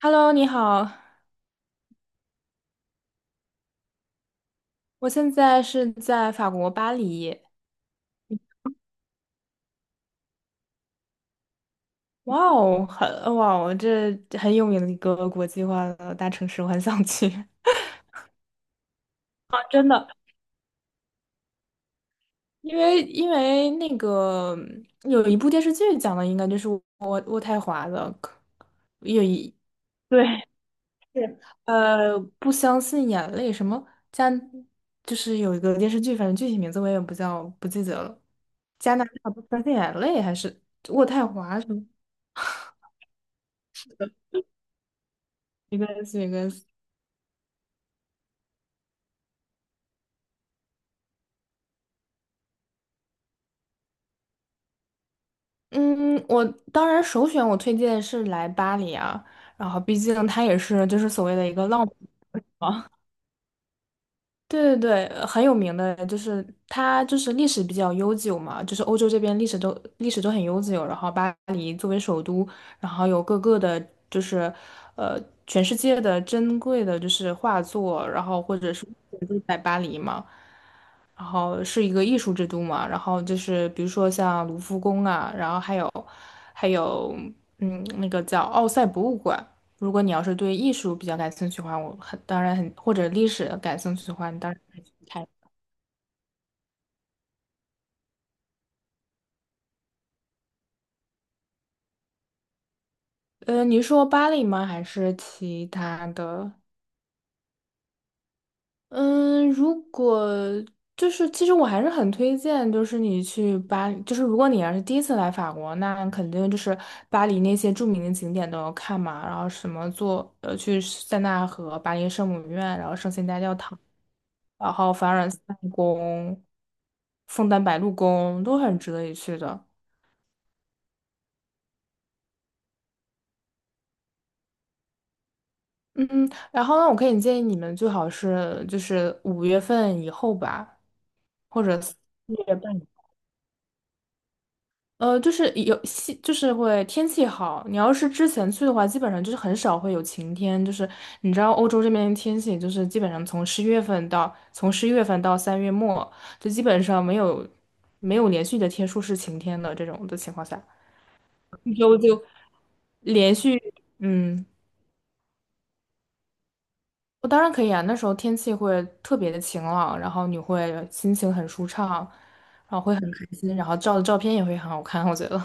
Hello，你好，我现在是在法国巴黎。哇哦，这很有名的一个国际化的大城市，我很想去。真的，因为那个有一部电视剧讲的，应该就是渥太华的，有一 对是不相信眼泪什么加，就是有一个电视剧，反正具体名字我也不记得了。加拿大不相信眼泪还是渥太华什么一个一个嗯，我当然首选我推荐是来巴黎啊，然后毕竟它也是就是所谓的一个浪漫。对对对，很有名的，就是它就是历史比较悠久嘛，就是欧洲这边历史都很悠久，然后巴黎作为首都，然后有各个的，就是呃全世界的珍贵的就是画作，然后或者是都在巴黎嘛，然后是一个艺术之都嘛，然后就是比如说像卢浮宫啊，然后还有那个叫奥赛博物馆，如果你要是对艺术比较感兴趣的话，我很当然很或者历史感兴趣的话，你当然可以去看。你说巴黎吗？还是其他的？嗯，如果就是其实我还是很推荐，就是你去巴黎，就是如果你要是第一次来法国，那肯定就是巴黎那些著名的景点都要看嘛，然后什么坐去塞纳河、巴黎圣母院，然后圣心大教堂，然后凡尔赛宫、枫丹白露宫都很值得一去的。嗯，然后呢，我可以建议你们最好是就是5月份以后吧，或者4月半。就是有西，就是会天气好。你要是之前去的话，基本上就是很少会有晴天。就是你知道欧洲这边的天气，就是基本上从十月份到3月末，就基本上没有连续的天数是晴天的这种的情况下，一周就连续嗯。我当然可以啊，那时候天气会特别的晴朗，然后你会心情很舒畅，然后会很开心，然后照的照片也会很好看，我觉得。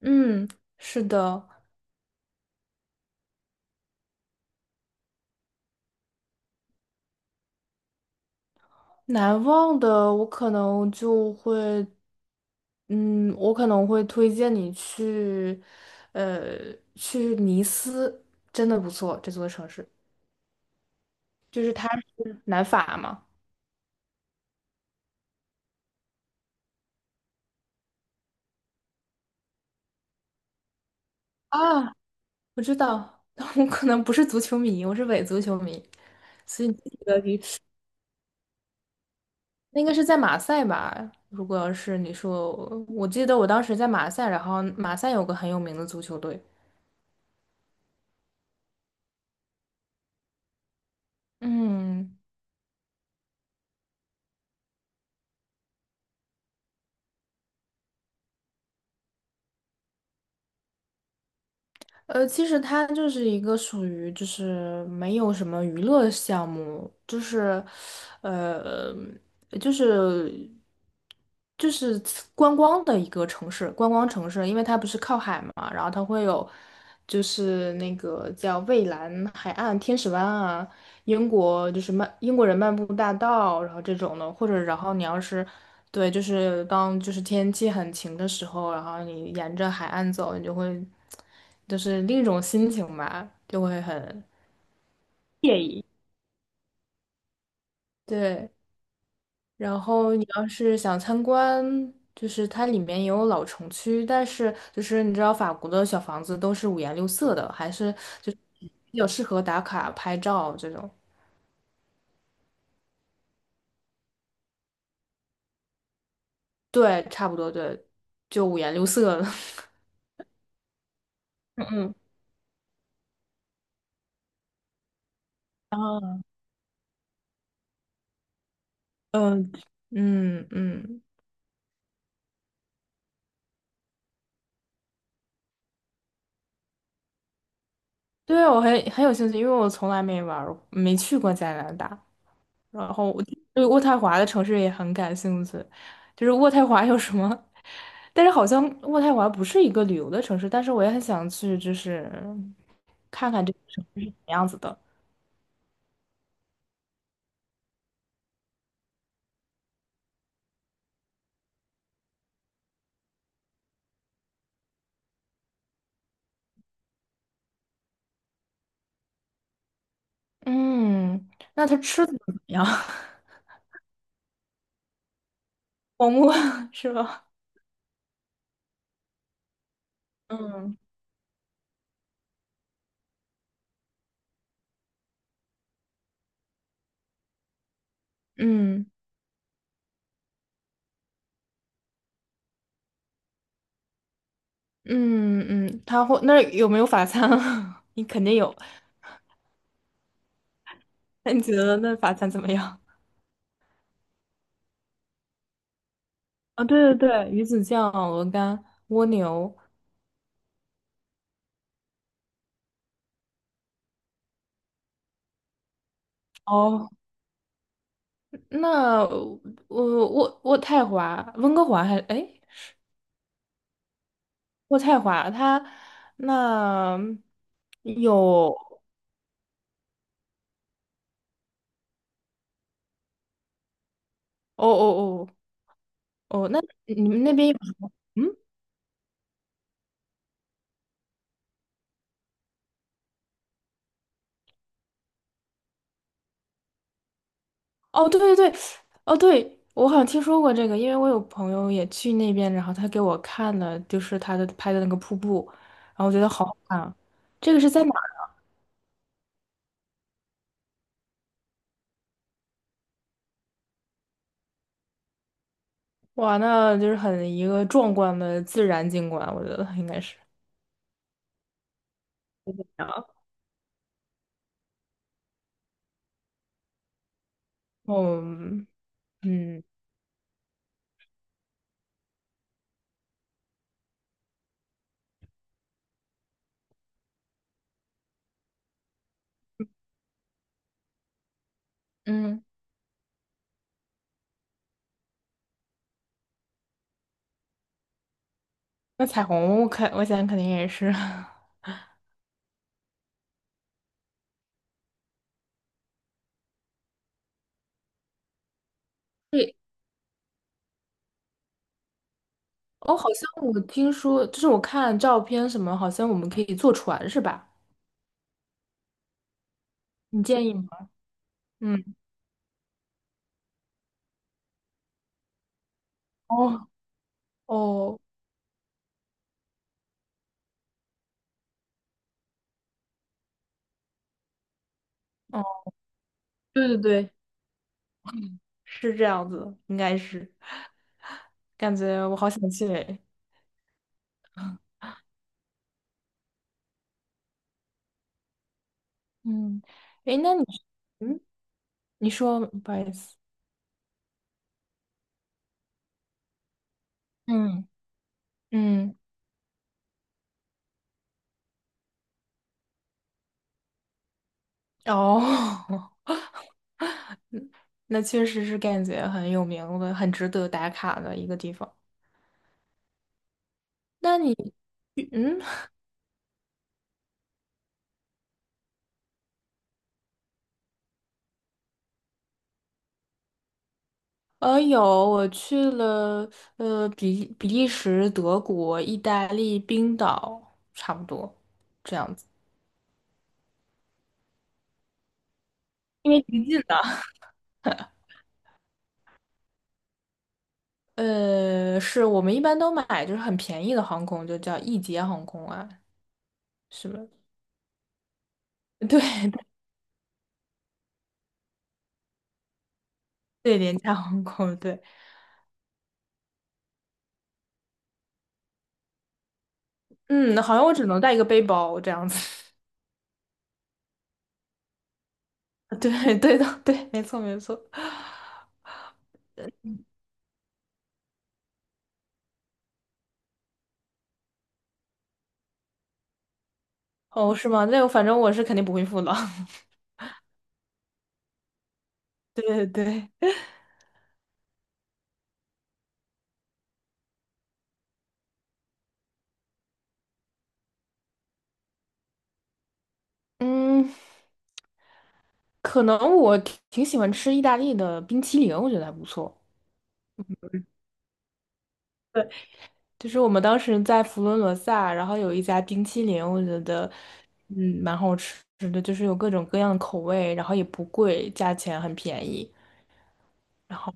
嗯，是的，难忘的我可能就会，嗯，我可能会推荐你去，呃，去尼斯，真的不错，这座城市，就是它是南法嘛。啊，我知道，但我可能不是足球迷，我是伪足球迷。所以你记得比那应该是在马赛吧？如果要是你说，我记得我当时在马赛，然后马赛有个很有名的足球队。嗯，其实它就是一个属于就是没有什么娱乐项目，就是，呃，就是就是观光的一个城市，观光城市，因为它不是靠海嘛，然后它会有就是那个叫蔚蓝海岸、天使湾啊。英国就是英国人漫步大道，然后这种的，或者然后你要是对，就是当就是天气很晴的时候，然后你沿着海岸走，你就会就是另一种心情吧，就会很对。然后你要是想参观，就是它里面也有老城区，但是就是你知道法国的小房子都是五颜六色的，还是就是比较适合打卡拍照这种。对，差不多对，就五颜六色的。嗯嗯。嗯、嗯嗯，对，我很有兴趣，因为我从来没玩儿，没去过加拿大。然后我对渥太华的城市也很感兴趣，就是渥太华有什么？但是好像渥太华不是一个旅游的城市，但是我也很想去，就是是什么样子的？嗯，那它吃的怎么样？黄瓜 是吧？嗯，嗯嗯嗯，它会那儿有没有法餐啊？你肯定有，那你觉得那法餐怎么样？啊，对对对，鱼子酱、鹅肝、蜗牛。哦，那我渥太华、温哥华还哎，渥太华它那有哦哦哦哦，那你们那边有什么？嗯，哦对对对，哦对，我好像听说过这个，因为我有朋友也去那边，然后他给我看了，就是他的拍的那个瀑布，然后我觉得好好看啊这个是在哪儿？哇，那就是很一个壮观的自然景观，我觉得应该是。哦，嗯，嗯，那彩虹我肯，我想肯定也是，对，哦，好像我听说，就是我看照片什么，好像我们可以坐船是吧？你建议吗？嗯，哦哦哦，对对对，是这样子，应该是，感觉我好想去诶，嗯，诶，那你，嗯，你说，不好意思，嗯，嗯，哦，那确实是感觉很有名的，很值得打卡的一个地方。那你，嗯。有，我去了，比利时、德国、意大利、冰岛，差不多这样子。因为挺近的。是我们一般都买就是很便宜的航空，就叫易捷航空啊，是吧？对对，廉价航空，对。嗯，好像我只能带一个背包这样子。对对的，对，没错没错。哦，是吗？那我反正我是肯定不会付了。对对对，嗯。可能我挺喜欢吃意大利的冰淇淋，我觉得还不错。对，就是我们当时在佛罗伦萨，然后有一家冰淇淋，我觉得嗯蛮好吃的，就是有各种各样的口味，然后也不贵，价钱很便宜。然后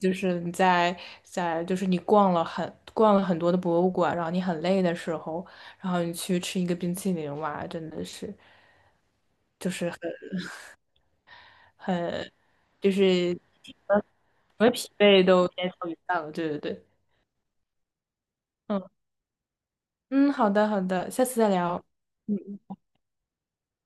就是你在你逛了很多的博物馆，然后你很累的时候，然后你去吃一个冰淇淋，哇，真的是很就是什么疲惫都烟消云散了。对对对，嗯嗯，好的好的，下次再聊。嗯，